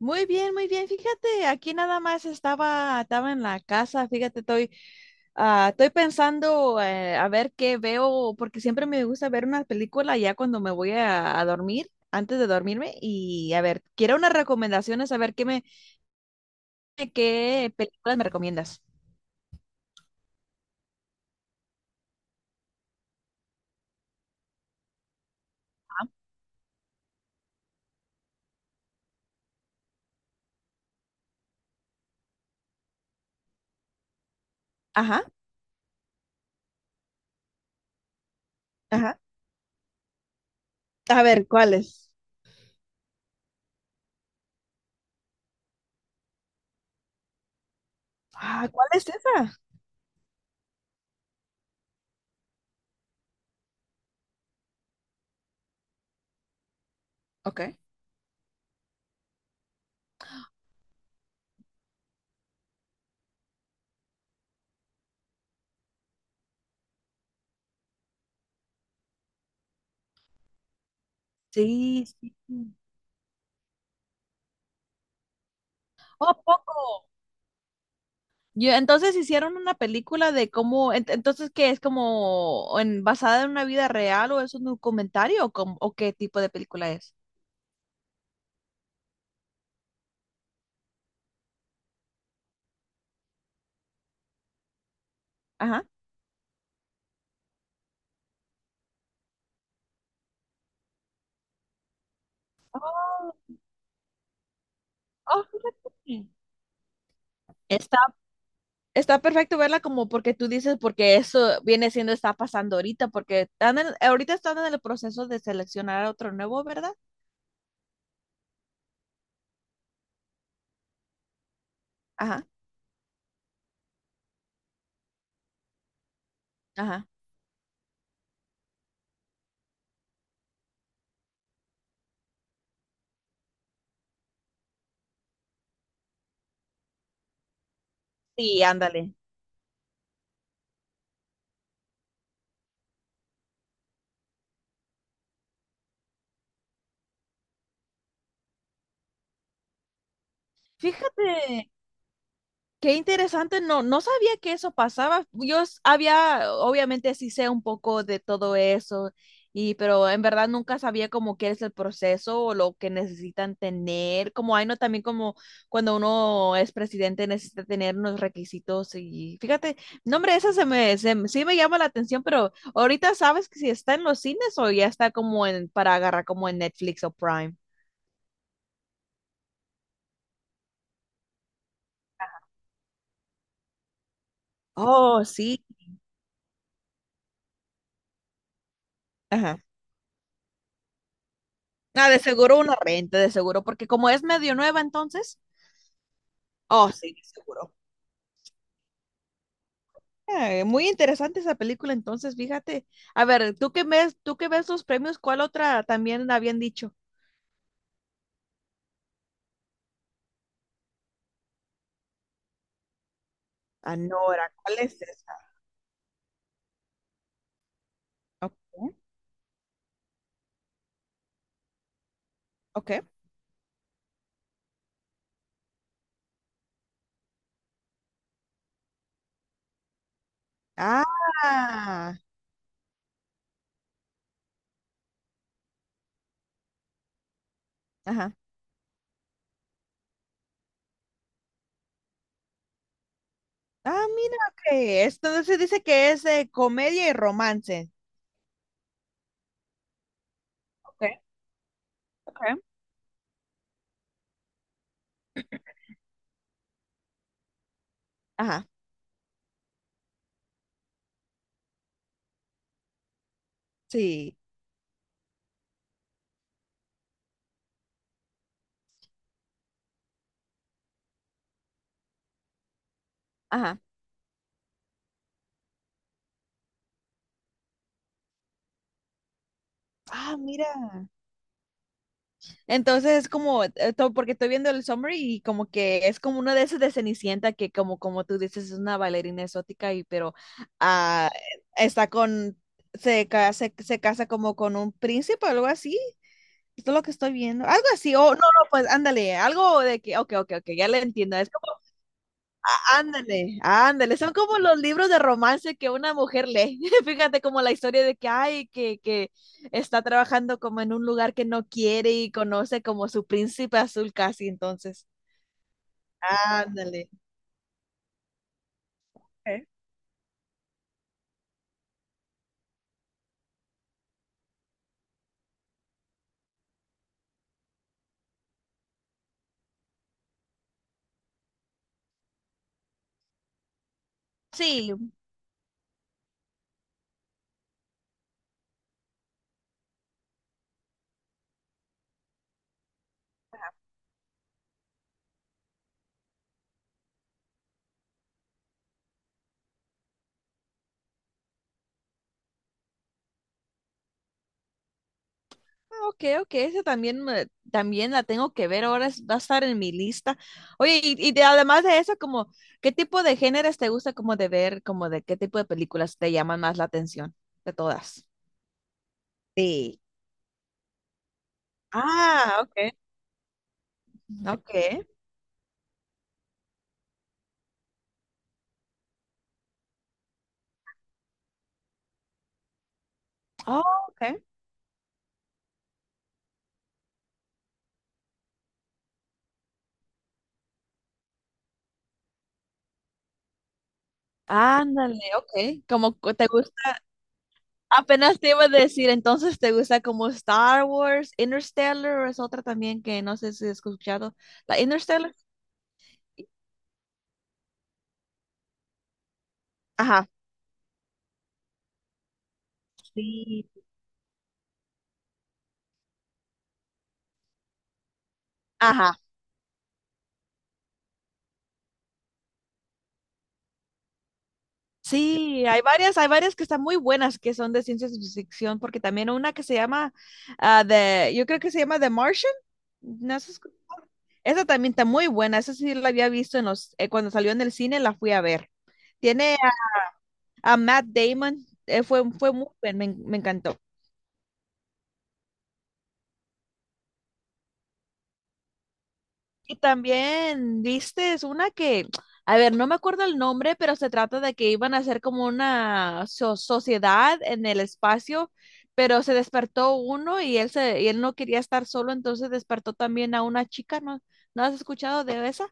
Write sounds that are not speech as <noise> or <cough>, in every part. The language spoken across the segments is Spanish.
Muy bien, muy bien. Fíjate, aquí nada más estaba en la casa. Fíjate, estoy pensando a ver qué veo, porque siempre me gusta ver una película ya cuando me voy a dormir, antes de dormirme. Y a ver, quiero unas recomendaciones, a ver qué me, qué películas me recomiendas. Ajá, ajá. A ver, ¿cuáles? Ah, ¿cuál es esa? Ok. Sí, sí. Oh, poco. Yo, entonces hicieron una película de cómo, entonces qué es como en, basada en una vida real o es un documentario o, o qué tipo de película es. Ajá. Oh, oh, fíjate. Está, está perfecto verla como porque tú dices, porque eso viene siendo, está pasando ahorita, porque ahorita están en el proceso de seleccionar a otro nuevo, ¿verdad? Ajá, ajá. Sí, ándale. Fíjate. Qué interesante, no sabía que eso pasaba. Había, obviamente sí sé un poco de todo eso, y pero en verdad nunca sabía como qué es el proceso o lo que necesitan tener. Como hay no también como cuando uno es presidente necesita tener unos requisitos y fíjate, no hombre, esa sí me llama la atención, pero ahorita sabes que si está en los cines o ya está como en para agarrar como en Netflix o Prime. Oh, sí. Ajá. Ah, de seguro una renta, de seguro, porque como es medio nueva entonces, oh, sí, de seguro. Muy interesante esa película entonces, fíjate. A ver, tú que ves los premios, ¿cuál otra también habían dicho? Anora, ¿cuál es esa? Ok, ok. Ah, ajá. Ah, mira, que esto se dice que es comedia y romance. Ok, ok. Ajá, sí, ajá. Ah, mira. Entonces es como, porque estoy viendo el summary y como que es como una de esas de Cenicienta que como, como tú dices, es una bailarina exótica y pero ah, está con, se casa como con un príncipe o algo así. Esto es lo que estoy viendo. Algo así, o no, no, pues ándale, algo de que, ok, ok, ok, ya le entiendo. Es ándale, ándale, son como los libros de romance que una mujer lee. <laughs> Fíjate como la historia de que ay, que está trabajando como en un lugar que no quiere y conoce como su príncipe azul casi entonces. Ándale. Ok. Sí, ah, ok, ok, esa también, también la tengo que ver, ahora va a estar en mi lista. Oye, además de eso, como, ¿qué tipo de géneros te gusta como de ver, como de qué tipo de películas te llaman más la atención de todas? Sí. Ah, ok, ok. Oh, okay. Ándale, ok. Te gusta. Apenas te iba a decir, entonces te gusta como Star Wars, Interstellar, o es otra también que no sé si has escuchado. La Interstellar. Ajá. Sí. Ajá. Sí, hay varias que están muy buenas que son de ciencia ficción, porque también una que se llama yo creo que se llama The Martian. ¿No has escu- Esa también está muy buena. Esa sí la había visto en los, cuando salió en el cine, la fui a ver. Tiene a Matt Damon, fue muy bien, me encantó. Y también, viste, a ver, no me acuerdo el nombre, pero se trata de que iban a hacer como una sociedad en el espacio, pero se despertó uno y y él no quería estar solo, entonces despertó también a una chica, ¿no? ¿No has escuchado de esa?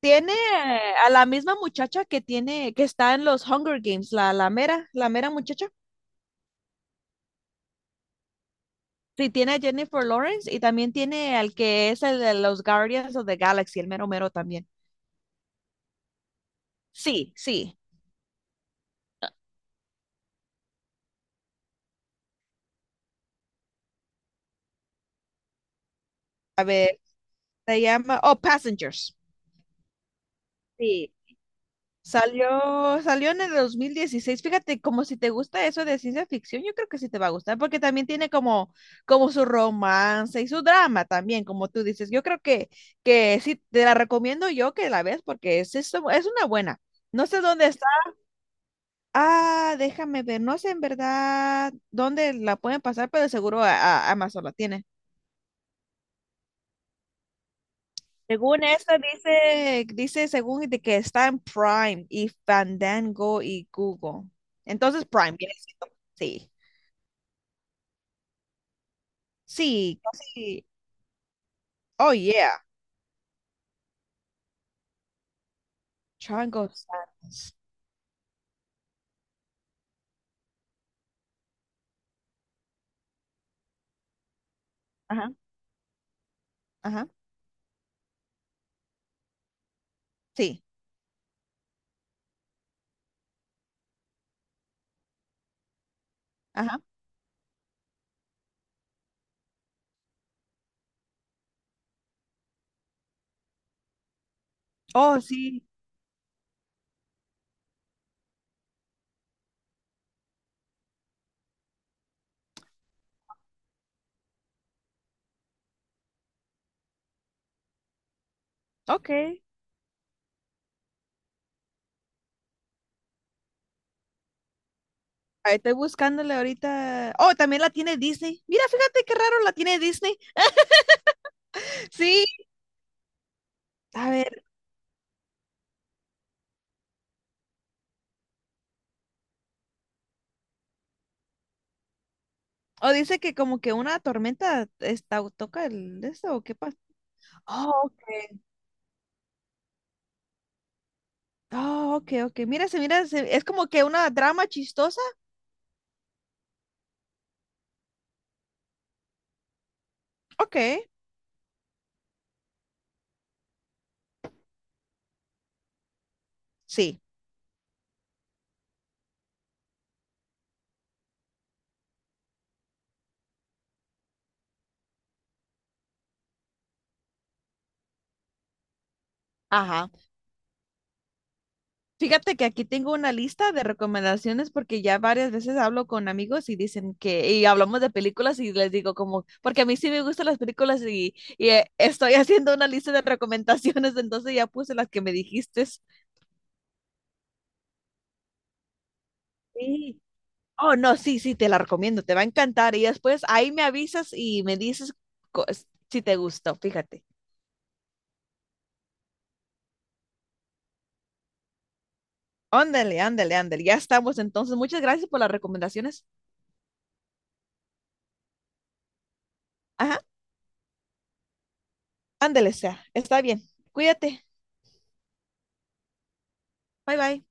Tiene a la misma muchacha que tiene, que está en los Hunger Games, la mera muchacha. Sí, tiene a Jennifer Lawrence y también tiene al que es el de los Guardians of the Galaxy, el mero mero también. Sí, sí. A ver, se llama, oh, Passengers. Sí. Salió en el 2016. Fíjate, como si te gusta eso de ciencia ficción, yo creo que sí te va a gustar, porque también tiene como, como su romance y su drama también, como tú dices. Que sí, te la recomiendo yo que la veas, porque es una buena. No sé dónde ah, déjame ver, no sé en verdad dónde la pueden pasar, pero seguro Amazon la tiene. Según esto dice, dice según de que está en Prime y Fandango y Google. Entonces Prime viene siendo. Sí. Sí, casi. Oh yeah. Triangle Sadness. Ajá, ajá. Sí. Ajá. Oh, sí. Ok. Ahí estoy buscándole ahorita. Oh, también la tiene Disney. Mira, fíjate qué raro la tiene Disney. <laughs> Sí. A ver. O dice que como que una tormenta está, toca el de esto, ¿o qué pasa? Oh, ok. Oh, ok, ok. Mira, es como que una drama chistosa. Ok, sí. Ajá. Fíjate que aquí tengo una lista de recomendaciones porque ya varias veces hablo con amigos y dicen que, y hablamos de películas y les digo como, porque a mí sí me gustan las películas y estoy <laughs> haciendo una lista de recomendaciones, <laughs> entonces ya puse las que me dijiste. Sí. Oh, no, sí, sí, te la recomiendo, te va a encantar. Y después ahí me avisas y me dices co- si te gustó, fíjate. Ándale, ándale, ándale. Ya estamos entonces. Muchas gracias por las recomendaciones. Ajá, ándale, sea. Está bien. Cuídate. Bye, bye.